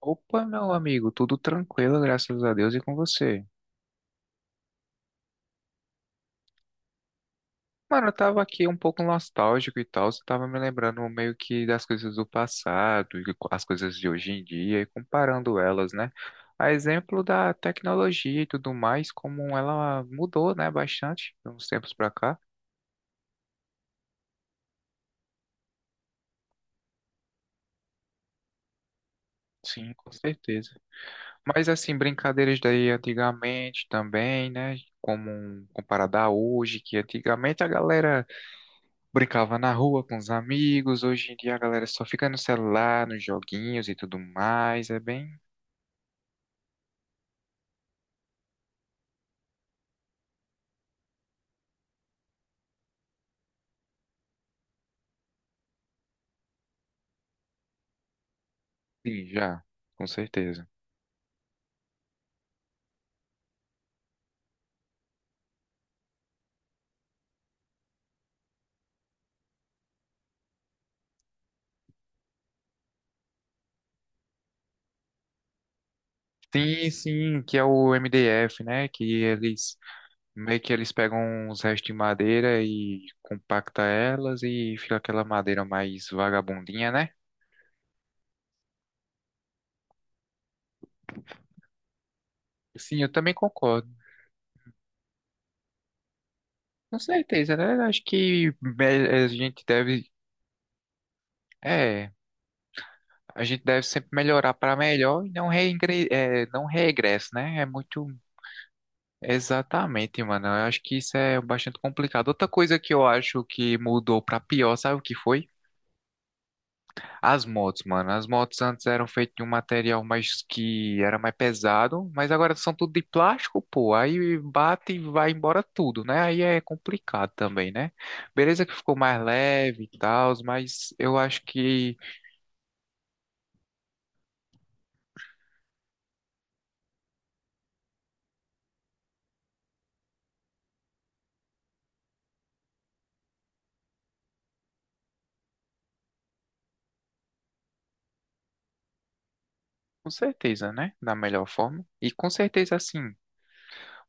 Opa, meu amigo, tudo tranquilo, graças a Deus e com você. Mano, eu tava aqui um pouco nostálgico e tal, você tava me lembrando meio que das coisas do passado, e as coisas de hoje em dia e comparando elas, né? A exemplo da tecnologia e tudo mais, como ela mudou, né, bastante de uns tempos pra cá. Sim, com certeza. Mas assim, brincadeiras daí antigamente também, né? Como comparada a hoje, que antigamente a galera brincava na rua com os amigos. Hoje em dia a galera só fica no celular, nos joguinhos e tudo mais. É bem. Sim, já, com certeza. Sim, sim, que é o MDF, né? Que eles meio que eles pegam uns restos de madeira e compacta elas e fica aquela madeira mais vagabundinha, né? Sim, eu também concordo. Com certeza, né? Acho que a gente deve, é, a gente deve sempre melhorar para melhor e não não regresso, né? É muito. Exatamente, mano. Eu acho que isso é bastante complicado. Outra coisa que eu acho que mudou pra pior, sabe o que foi? As motos, mano. As motos antes eram feitas de um material mais que era mais pesado, mas agora são tudo de plástico, pô. Aí bate e vai embora tudo, né? Aí é complicado também, né? Beleza que ficou mais leve e tal, mas eu acho que com certeza, né? Da melhor forma. E com certeza, assim.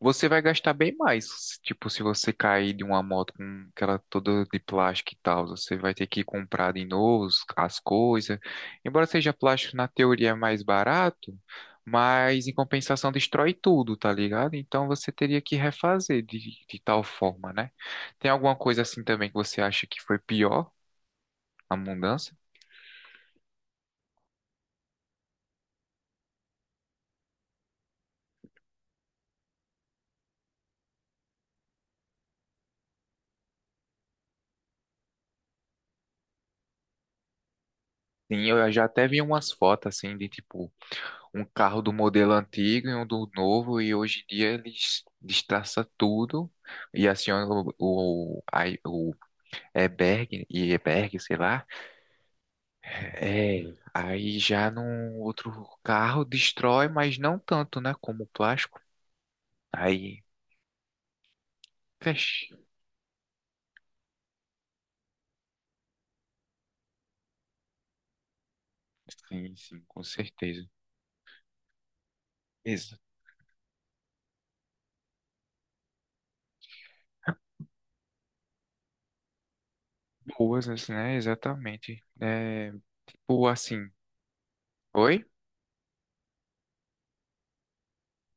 Você vai gastar bem mais, tipo, se você cair de uma moto com aquela toda de plástico e tal, você vai ter que comprar de novo as coisas. Embora seja plástico na teoria é mais barato, mas em compensação destrói tudo, tá ligado? Então você teria que refazer de tal forma, né? Tem alguma coisa assim também que você acha que foi pior a mudança? Sim, eu já até vi umas fotos assim de tipo um carro do modelo antigo e um do novo, e hoje em dia eles destraçam tudo e acionam o airbag, e airbag, sei lá. É, aí já num outro carro destrói, mas não tanto, né, como o plástico. Aí, fecha. Sim, sim, com certeza. Ex Boas, assim, né? Exatamente. É, tipo assim, oi?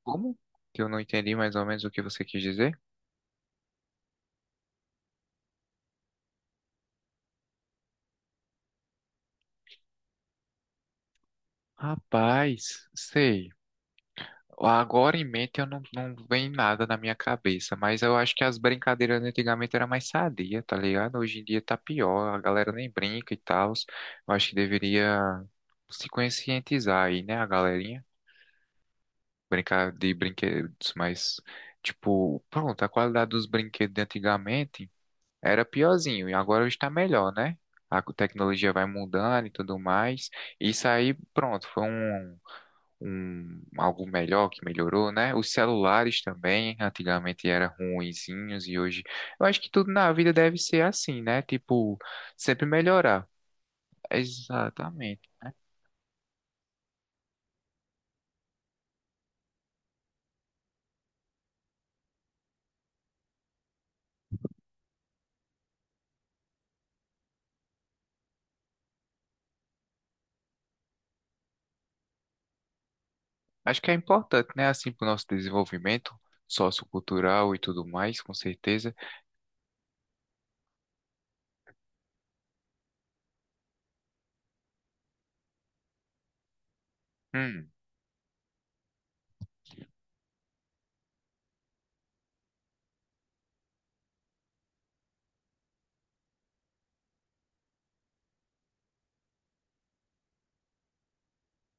Como? Que eu não entendi mais ou menos o que você quis dizer. Rapaz, sei. Agora em mente eu não vem nada na minha cabeça, mas eu acho que as brincadeiras antigamente era mais sadia, tá ligado? Hoje em dia tá pior, a galera nem brinca e tal. Eu acho que deveria se conscientizar aí, né, a galerinha? Brincar de brinquedos, mas, tipo, pronto, a qualidade dos brinquedos de antigamente era piorzinho e agora está melhor, né? A tecnologia vai mudando e tudo mais. Isso aí, pronto, foi algo melhor que melhorou, né? Os celulares também, antigamente eram ruinzinhos e hoje eu acho que tudo na vida deve ser assim, né? Tipo, sempre melhorar. Exatamente. Acho que é importante, né? Assim, para o nosso desenvolvimento sociocultural e tudo mais, com certeza. Hum,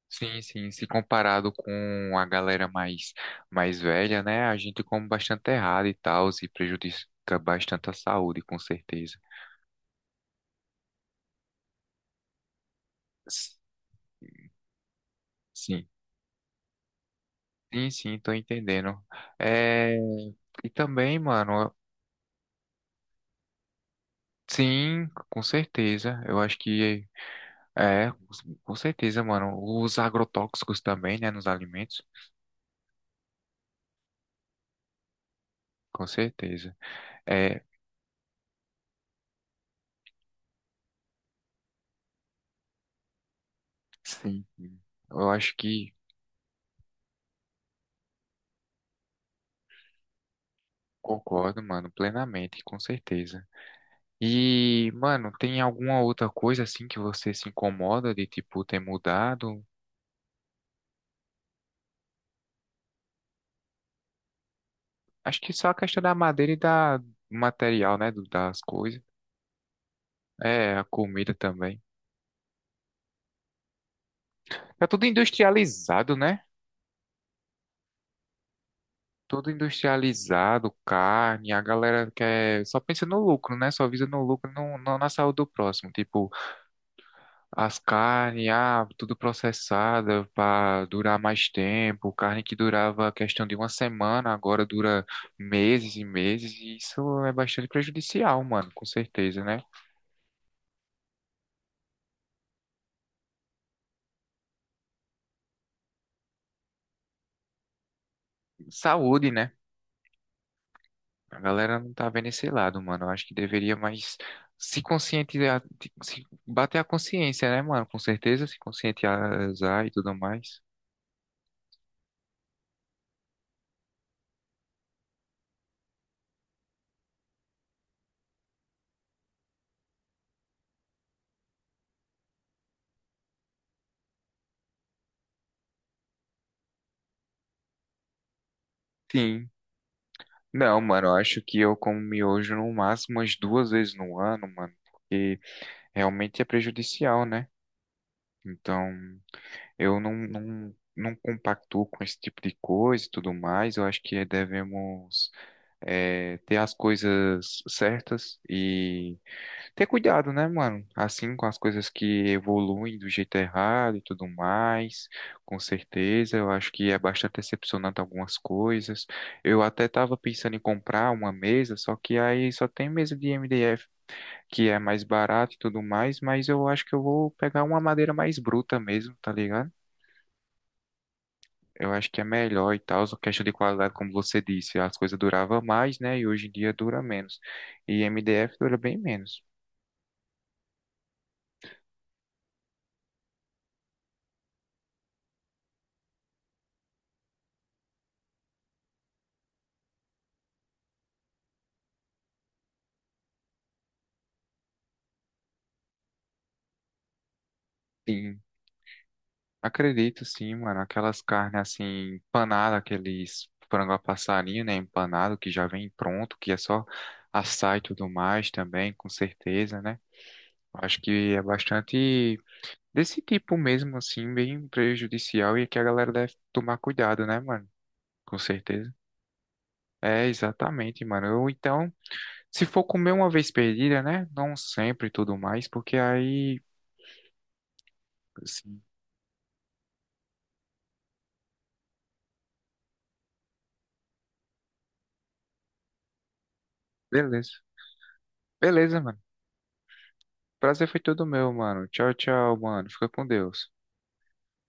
sim, sim. Se comparado com a galera mais velha, né? A gente come bastante errado e tal, e prejudica bastante a saúde, com certeza. S- Sim. Sim, sim, tô entendendo. É, e também, mano, sim, com certeza. Eu acho que é, com certeza, mano. Os agrotóxicos também, né, nos alimentos, com certeza. É, sim, sim. Eu acho que concordo, mano, plenamente, com certeza. E, mano, tem alguma outra coisa assim que você se incomoda de tipo ter mudado? Acho que só a questão da madeira e da do material, né, das coisas. É, a comida também. Tá tudo industrializado, né? Tudo industrializado, carne, a galera quer, só pensa no lucro, né? Só visa no lucro, não na saúde do próximo. Tipo, as carnes, ah, tudo processada para durar mais tempo. Carne que durava questão de uma semana, agora dura meses e meses. E isso é bastante prejudicial, mano, com certeza, né? Saúde, né? A galera não tá vendo esse lado, mano. Eu acho que deveria mais se conscientizar, se bater a consciência, né, mano? Com certeza, se conscientizar e tudo mais. Sim. Não, mano, eu acho que eu como miojo no máximo umas duas vezes no ano, mano, porque realmente é prejudicial, né? Então, eu não compactuo com esse tipo de coisa e tudo mais. Eu acho que devemos ter as coisas certas e ter cuidado, né, mano? Assim, com as coisas que evoluem do jeito errado e tudo mais, com certeza. Eu acho que é bastante decepcionante algumas coisas. Eu até tava pensando em comprar uma mesa, só que aí só tem mesa de MDF, que é mais barato e tudo mais, mas eu acho que eu vou pegar uma madeira mais bruta mesmo, tá ligado? Eu acho que é melhor e tal, só questão de qualidade, como você disse, as coisas duravam mais, né? E hoje em dia dura menos. E MDF dura bem menos. Acredito sim, mano. Aquelas carnes assim, empanada, aqueles frango a passarinho, né? Empanado, que já vem pronto, que é só assar e tudo mais também, com certeza, né? Acho que é bastante desse tipo mesmo, assim, bem prejudicial e que a galera deve tomar cuidado, né, mano? Com certeza. É, exatamente, mano. Ou então, se for comer uma vez perdida, né? Não sempre e tudo mais, porque aí, assim, beleza. Beleza, mano. Prazer foi todo meu, mano. Tchau, tchau, mano. Fica com Deus.